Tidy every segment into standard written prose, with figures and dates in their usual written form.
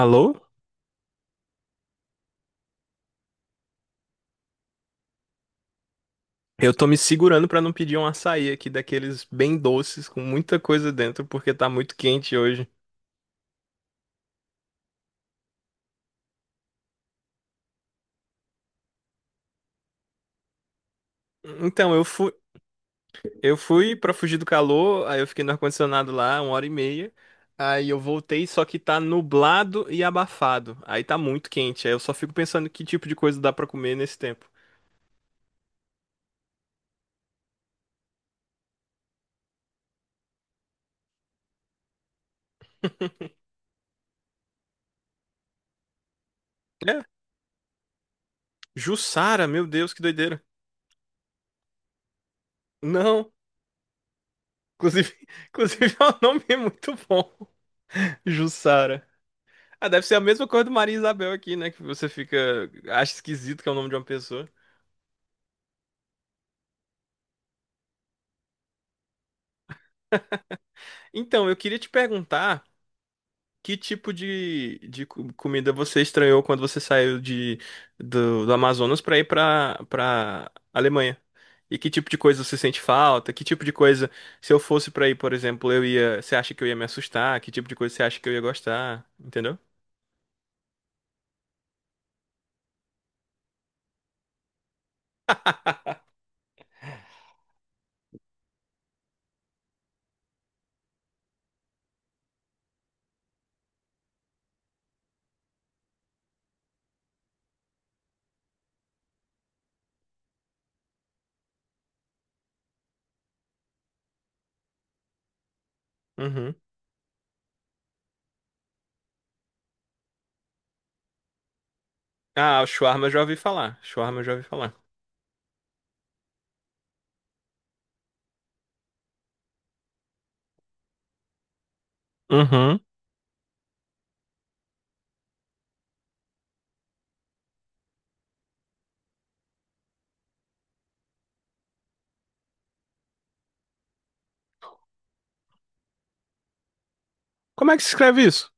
Alô? Eu tô me segurando pra não pedir um açaí aqui daqueles bem doces com muita coisa dentro porque tá muito quente hoje. Então, eu fui para fugir do calor, aí eu fiquei no ar-condicionado lá 1 hora e meia. Aí eu voltei, só que tá nublado e abafado. Aí tá muito quente. Aí eu só fico pensando que tipo de coisa dá pra comer nesse tempo. É, Jussara, meu Deus, que doideira. Não, inclusive, inclusive é um nome muito bom. Jussara. Ah, deve ser a mesma coisa do Maria Isabel aqui, né? Que você fica. Acha esquisito que é o nome de uma pessoa. Então, eu queria te perguntar que tipo de comida você estranhou quando você saiu do Amazonas pra ir pra Alemanha? E que tipo de coisa você sente falta? Que tipo de coisa, se eu fosse pra ir, por exemplo, eu ia. Você acha que eu ia me assustar? Que tipo de coisa você acha que eu ia gostar? Entendeu? Uhum. Ah, o shawarma eu já ouvi falar. Shawarma eu já ouvi falar. Uhum. Como é que se escreve isso?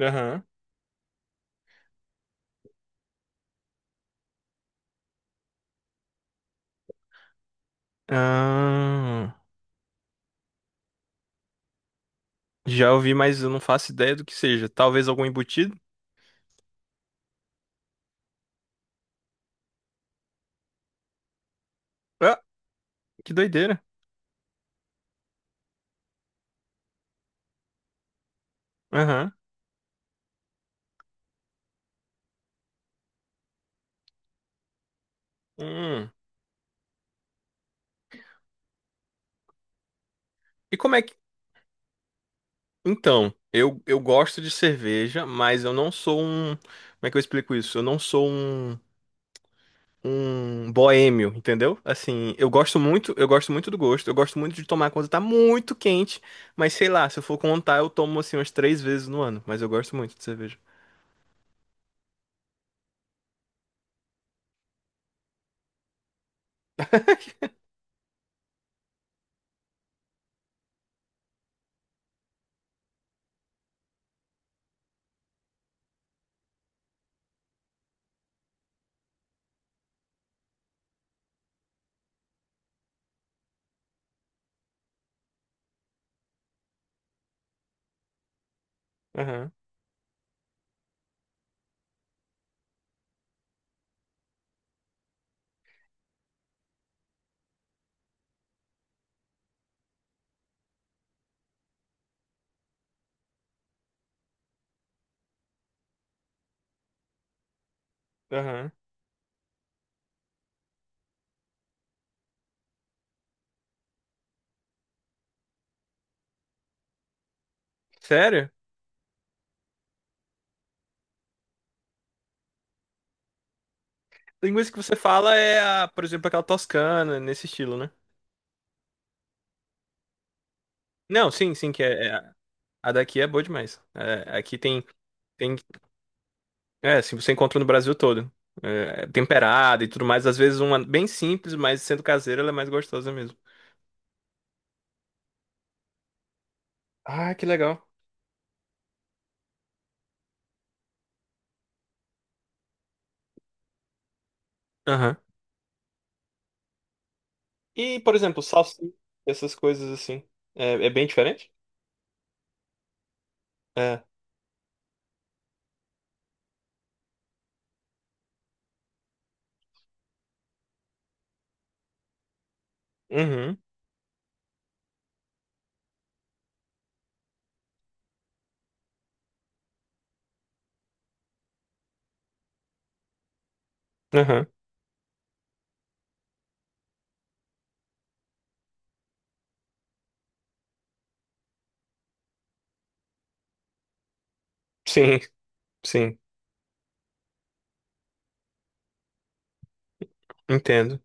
Aham. Ah, já ouvi, mas eu não faço ideia do que seja. Talvez algum embutido? Ah, que doideira. Aham. Hum. E como é que. Então, eu gosto de cerveja, mas eu não sou um. Como é que eu explico isso? Eu não sou um. Um boêmio, entendeu? Assim, eu gosto muito do gosto, eu gosto muito de tomar quando tá muito quente, mas sei lá, se eu for contar, eu tomo assim umas 3 vezes no ano, mas eu gosto muito de cerveja. Aham, aham. Sério? Linguiça que você fala é, a, por exemplo, aquela toscana, nesse estilo, né? Não, sim, sim, que é, é- a daqui é boa demais. É, aqui tem, tem, é, assim, você encontra no Brasil todo. É, temperada e tudo mais. Às vezes uma bem simples, mas sendo caseira, ela é mais gostosa mesmo. Ah, que legal. Aham. E, por exemplo, salsicha, essas coisas assim, é, é bem diferente? É. Uhum. Aham. Sim, sim. Entendo.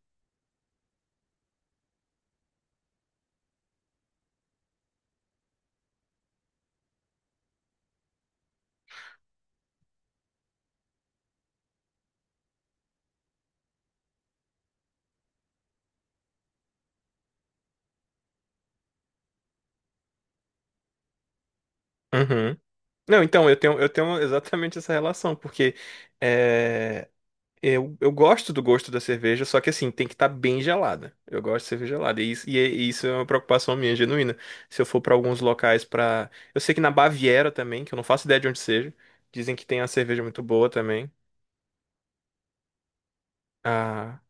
Uhum. Não, então, eu tenho exatamente essa relação, porque é, Eu gosto do gosto da cerveja, só que assim, tem que estar bem gelada. Eu gosto de cerveja gelada. E isso, e é- e isso é uma preocupação minha, genuína. Se eu for para alguns locais para. Eu sei que na Baviera também, que eu não faço ideia de onde seja, dizem que tem uma cerveja muito boa também. Ah,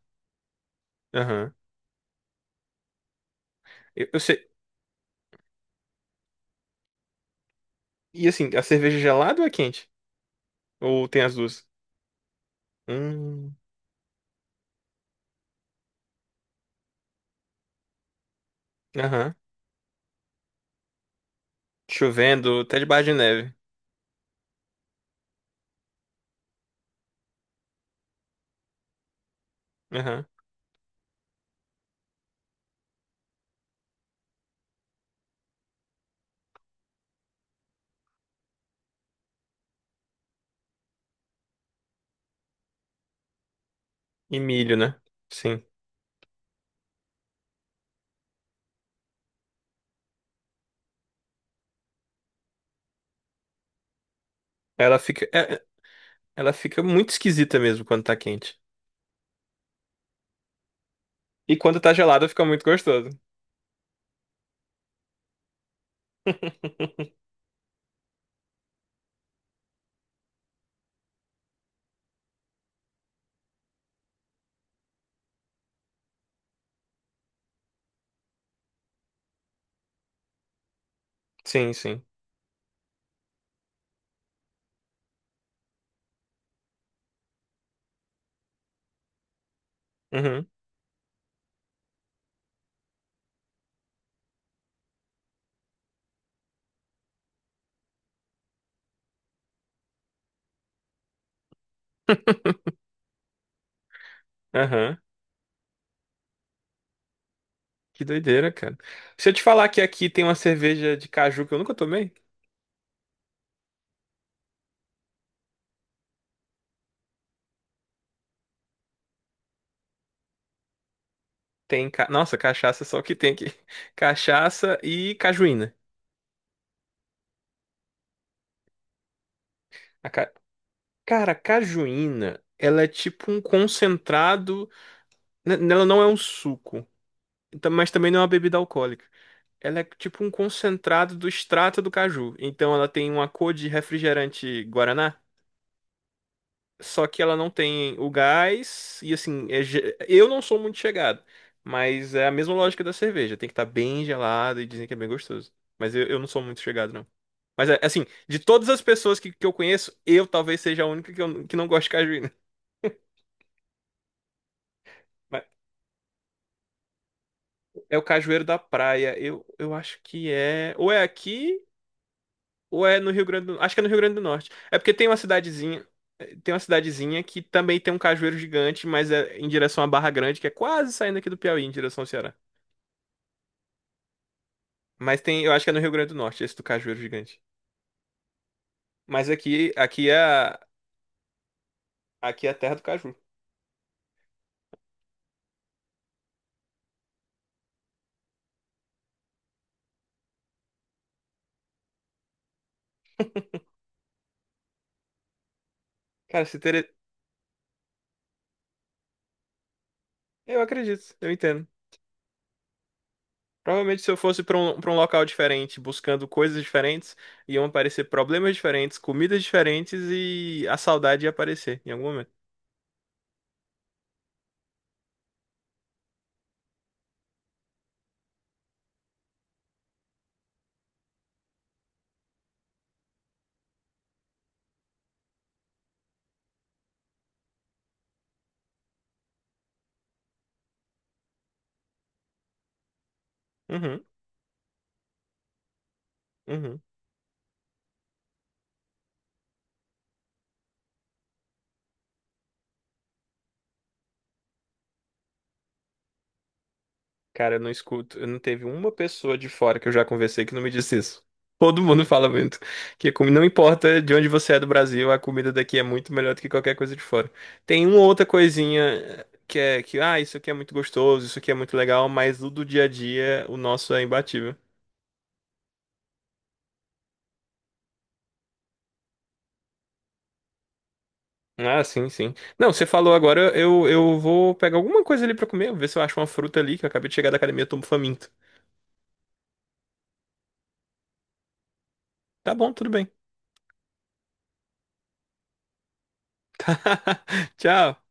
aham. Eu sei. E assim, a cerveja gelada ou é quente? Ou tem as duas? Hum, aham. Chovendo, até debaixo de neve. Aham. E milho, né? Sim. Ela fica, é- é- ela fica muito esquisita mesmo quando tá quente. E quando tá gelada fica muito gostoso. Sim, sim. Uhum, aham. Que doideira, cara. Se eu te falar que aqui tem uma cerveja de caju que eu nunca tomei, tem. Ca- Nossa, cachaça só que tem aqui. Cachaça e cajuína. A ca- Cara, a cajuína, ela é tipo um concentrado. N- Ela não é um suco, então- mas também não é uma bebida alcoólica. Ela é tipo um concentrado do extrato do caju. Então ela tem uma cor de refrigerante Guaraná. Só que ela não tem o gás e assim, é ge- eu não sou muito chegado, mas é a mesma lógica da cerveja, tem que estar bem gelado e dizem que é bem gostoso. Mas eu não sou muito chegado, não. Mas é, assim, de todas as pessoas que eu conheço, eu talvez seja a única que, que não gosta de cajuína. Mas é o cajueiro da praia. Eu acho que é. Ou é aqui, ou é no Rio Grande do... Acho que é no Rio Grande do Norte. É porque tem uma cidadezinha. Tem uma cidadezinha que também tem um cajueiro gigante, mas é em direção à Barra Grande, que é quase saindo aqui do Piauí, em direção ao Ceará. Mas tem, eu acho que é no Rio Grande do Norte, esse do cajueiro gigante. Mas aqui é, aqui é a terra do caju. Cara, se ter, eu acredito, eu entendo. Provavelmente se eu fosse pra um, para um local diferente, buscando coisas diferentes, iam aparecer problemas diferentes, comidas diferentes e a saudade ia aparecer em algum momento. Uhum, uhum. Cara, eu não escuto, eu não teve uma pessoa de fora que eu já conversei que não me disse isso. Todo mundo fala muito que como não importa de onde você é do Brasil, a comida daqui é muito melhor do que qualquer coisa de fora. Tem uma outra coisinha que é que ah, isso aqui é muito gostoso, isso aqui é muito legal, mas do dia a dia o nosso é imbatível. Ah, sim, sim. Não, você falou agora, eu vou pegar alguma coisa ali pra comer, ver se eu acho uma fruta ali, que eu acabei de chegar da academia, eu tô faminto. Tá bom, tudo bem. Tchau.